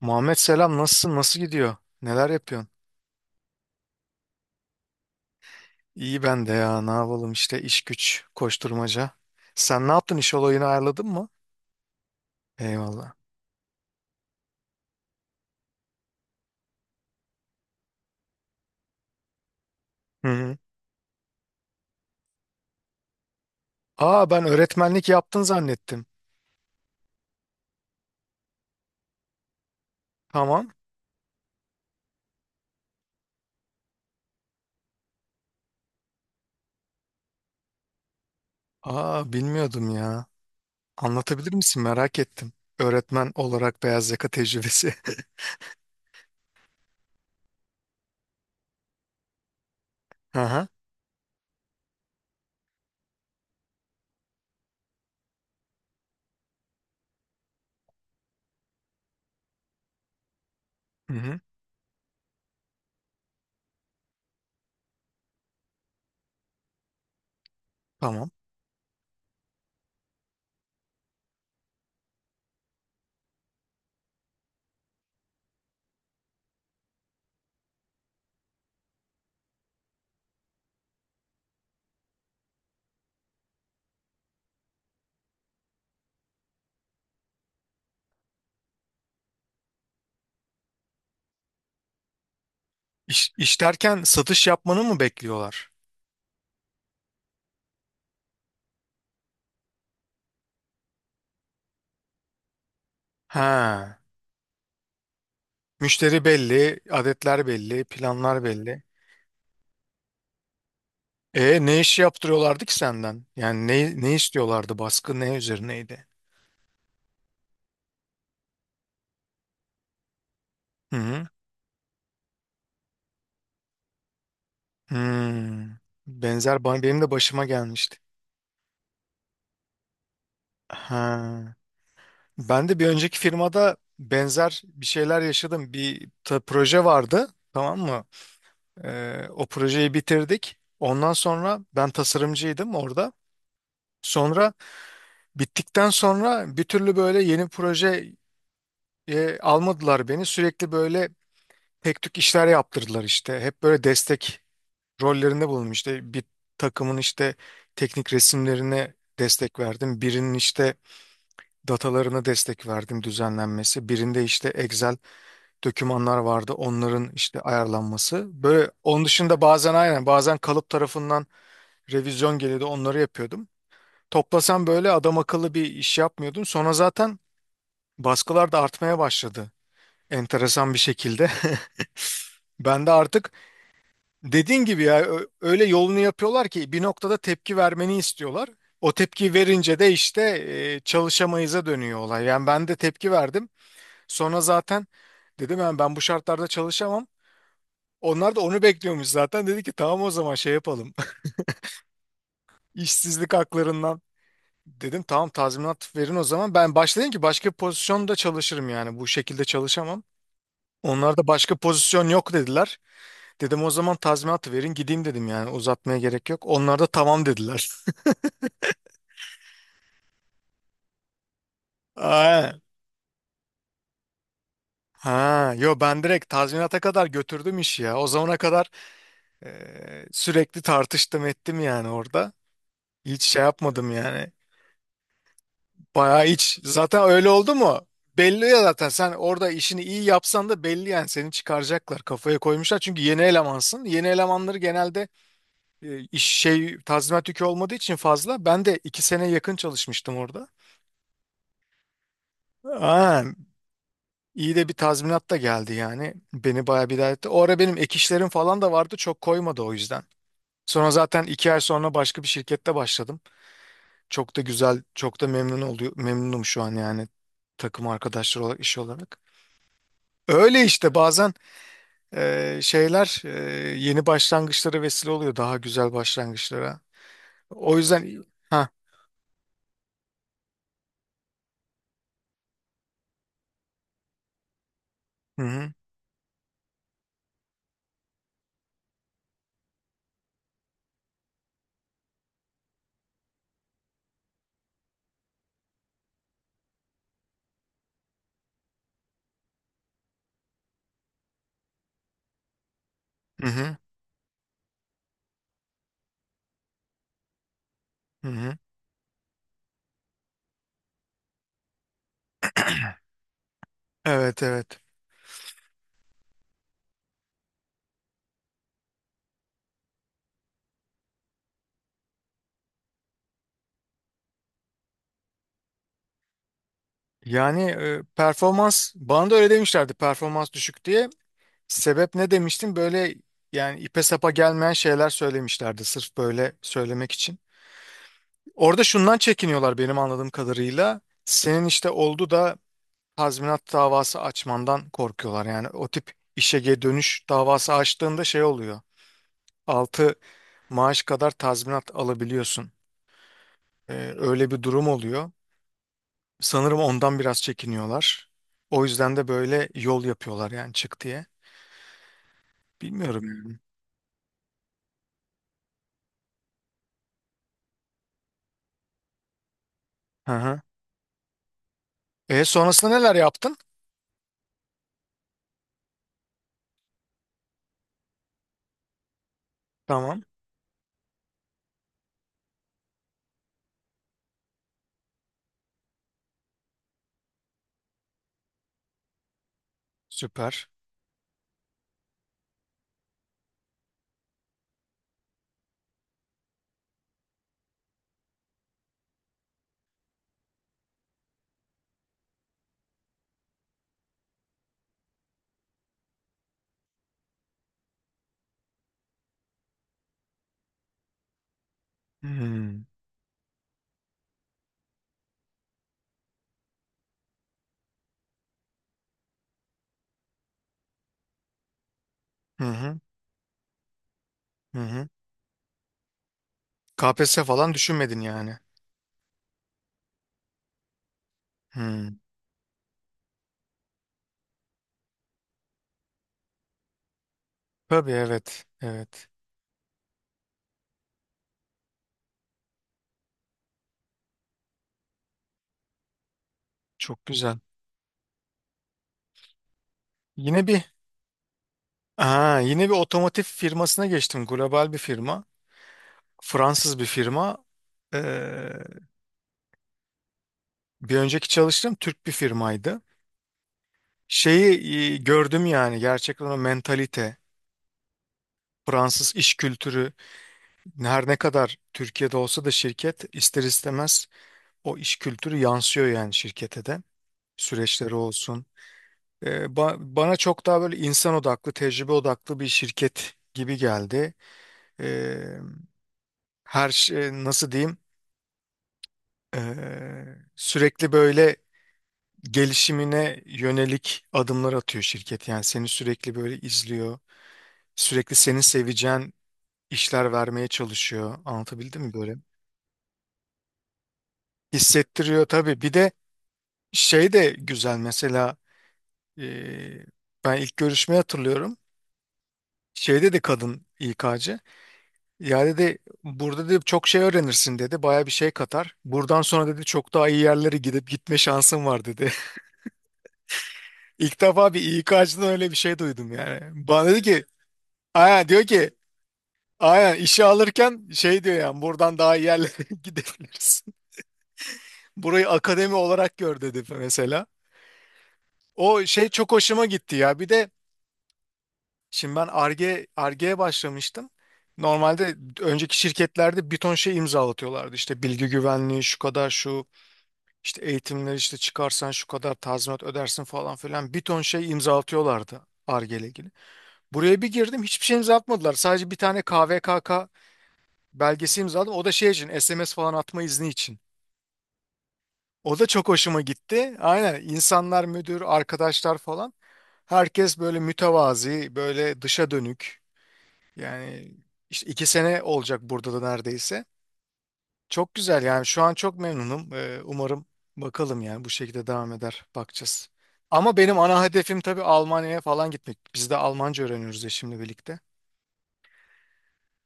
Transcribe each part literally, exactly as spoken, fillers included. Muhammed, selam. Nasılsın, nasıl gidiyor, neler yapıyorsun? İyi ben de ya, ne yapalım işte, iş güç koşturmaca. Sen ne yaptın, iş olayını ayarladın mı? Eyvallah. Hı hı. Aa, ben öğretmenlik yaptın zannettim. Tamam. Aa, bilmiyordum ya. Anlatabilir misin, merak ettim. Öğretmen olarak beyaz yaka tecrübesi. Aha. Hı hı. Tamam. İş, iş derken satış yapmanı mı bekliyorlar? Ha. Müşteri belli, adetler belli, planlar belli. E, ne iş yaptırıyorlardı ki senden? Yani ne ne istiyorlardı? Baskı ne üzerineydi? Hı hı. Hmm. Benzer ba- benim de başıma gelmişti. Ha. Ben de bir önceki firmada benzer bir şeyler yaşadım. Bir ta- proje vardı, tamam mı? Ee, o projeyi bitirdik. Ondan sonra ben tasarımcıydım orada. Sonra bittikten sonra bir türlü böyle yeni proje e, almadılar beni. Sürekli böyle tek tük işler yaptırdılar işte. Hep böyle destek rollerinde bulundum. İşte bir takımın işte teknik resimlerine destek verdim. Birinin işte datalarına destek verdim, düzenlenmesi. Birinde işte Excel dokümanlar vardı, onların işte ayarlanması. Böyle onun dışında, bazen aynen, bazen kalıp tarafından revizyon geliyordu, onları yapıyordum. Toplasam böyle adam akıllı bir iş yapmıyordum. Sonra zaten baskılar da artmaya başladı, enteresan bir şekilde. Ben de artık, dediğin gibi ya, ö- öyle yolunu yapıyorlar ki bir noktada tepki vermeni istiyorlar. O tepki verince de işte e, çalışamayıza dönüyor olay. Yani ben de tepki verdim. Sonra zaten dedim yani, ben bu şartlarda çalışamam. Onlar da onu bekliyormuş zaten. Dedi ki tamam, o zaman şey yapalım. İşsizlik haklarından, dedim tamam, tazminat verin o zaman. Ben başladım ki başka bir pozisyonda çalışırım yani, bu şekilde çalışamam. Onlar da başka pozisyon yok dediler. Dedim o zaman tazminat verin gideyim, dedim yani, uzatmaya gerek yok. Onlar da tamam dediler. Aynen. Ha, yo, ben direkt tazminata kadar götürdüm işi ya. O zamana kadar e, sürekli tartıştım ettim yani orada. Hiç şey yapmadım yani. Bayağı hiç. Zaten öyle oldu mu? Belli ya, zaten sen orada işini iyi yapsan da belli yani, seni çıkaracaklar. Kafaya koymuşlar çünkü yeni elemansın. Yeni elemanları genelde e, iş şey tazminat yükü olmadığı için fazla. Ben de iki sene yakın çalışmıştım orada. Aa, İyi de bir tazminat da geldi yani. Beni bayağı bir idare etti. O ara benim ek işlerim falan da vardı. Çok koymadı o yüzden. Sonra zaten iki ay sonra başka bir şirkette başladım. Çok da güzel, çok da memnun oluyor. Memnunum şu an yani, takım arkadaşlar olarak, iş olarak. Öyle işte bazen e, şeyler e, yeni başlangıçlara vesile oluyor. Daha güzel başlangıçlara. O yüzden ha. Hı hı. Hı hı. Hı hı. Evet evet. Yani e, performans, bana da öyle demişlerdi, performans düşük diye. Sebep ne demiştin? Böyle yani ipe sapa gelmeyen şeyler söylemişlerdi sırf böyle söylemek için. Orada şundan çekiniyorlar benim anladığım kadarıyla. Senin işte oldu da tazminat davası açmandan korkuyorlar. Yani o tip işe geri dönüş davası açtığında şey oluyor. Altı maaş kadar tazminat alabiliyorsun. Ee, öyle bir durum oluyor. Sanırım ondan biraz çekiniyorlar. O yüzden de böyle yol yapıyorlar yani, çık diye. Bilmiyorum yani. Hı hı. E, sonrasında neler yaptın? Tamam. Süper. Hmm. Hı hı. Hı hı. K P S S falan düşünmedin yani. Hmm. Tabii evet. Evet. Çok güzel. Yine bir Aa, yine bir otomotiv firmasına geçtim. Global bir firma. Fransız bir firma. Ee, Bir önceki çalıştığım Türk bir firmaydı. Şeyi e, gördüm yani, gerçekten o mentalite, Fransız iş kültürü her ne kadar Türkiye'de olsa da şirket, ister istemez o iş kültürü yansıyor yani şirkete de. Süreçleri olsun. E, ba- bana çok daha böyle insan odaklı, tecrübe odaklı bir şirket gibi geldi. E, Her şey nasıl diyeyim? E, Sürekli böyle gelişimine yönelik adımlar atıyor şirket. Yani seni sürekli böyle izliyor. Sürekli senin seveceğin işler vermeye çalışıyor. Anlatabildim mi böyle? Hissettiriyor tabii. Bir de şey de güzel mesela, e, ben ilk görüşmeyi hatırlıyorum. Şeyde de kadın i ka'cı. Ya dedi, burada dedi çok şey öğrenirsin dedi. Baya bir şey katar. Buradan sonra dedi çok daha iyi yerlere gidip gitme şansın var dedi. İlk defa bir i ka'cıdan öyle bir şey duydum yani. Bana dedi ki, aya diyor ki, aya işe alırken şey diyor yani, buradan daha iyi yerlere gidebilirsin. Burayı akademi olarak gör dedi mesela. O şey çok hoşuma gitti ya. Bir de şimdi ben Ar-Ge, Ar-Ge'ye başlamıştım. Normalde önceki şirketlerde bir ton şey imzalatıyorlardı. İşte bilgi güvenliği şu kadar, şu İşte eğitimleri, işte çıkarsan şu kadar tazminat ödersin falan filan, bir ton şey imzalatıyorlardı Ar-Ge ile ilgili. Buraya bir girdim, hiçbir şey imzalatmadılar. Sadece bir tane K V K K belgesi imzaladım. O da şey için, S M S falan atma izni için. O da çok hoşuma gitti. Aynen, insanlar, müdür, arkadaşlar falan, herkes böyle mütevazi, böyle dışa dönük. Yani işte iki sene olacak burada da neredeyse. Çok güzel yani, şu an çok memnunum. Ee, umarım bakalım yani bu şekilde devam eder. Bakacağız. Ama benim ana hedefim tabii Almanya'ya falan gitmek. Biz de Almanca öğreniyoruz ya şimdi, birlikte.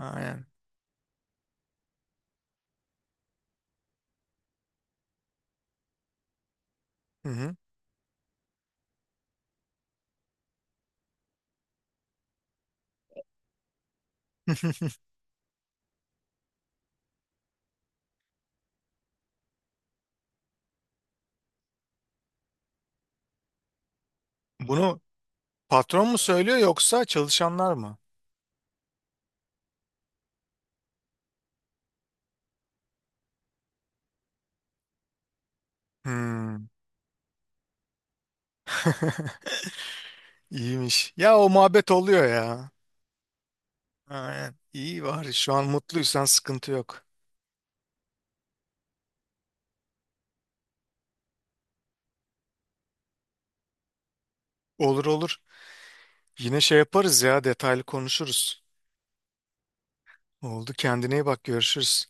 Aynen. Hı hı. Bunu patron mu söylüyor yoksa çalışanlar mı? Hmm. İyiymiş. Ya o muhabbet oluyor ya. Aynen. İyi var. Şu an mutluysan sıkıntı yok. Olur olur. Yine şey yaparız ya, detaylı konuşuruz. Oldu, kendine iyi bak, görüşürüz.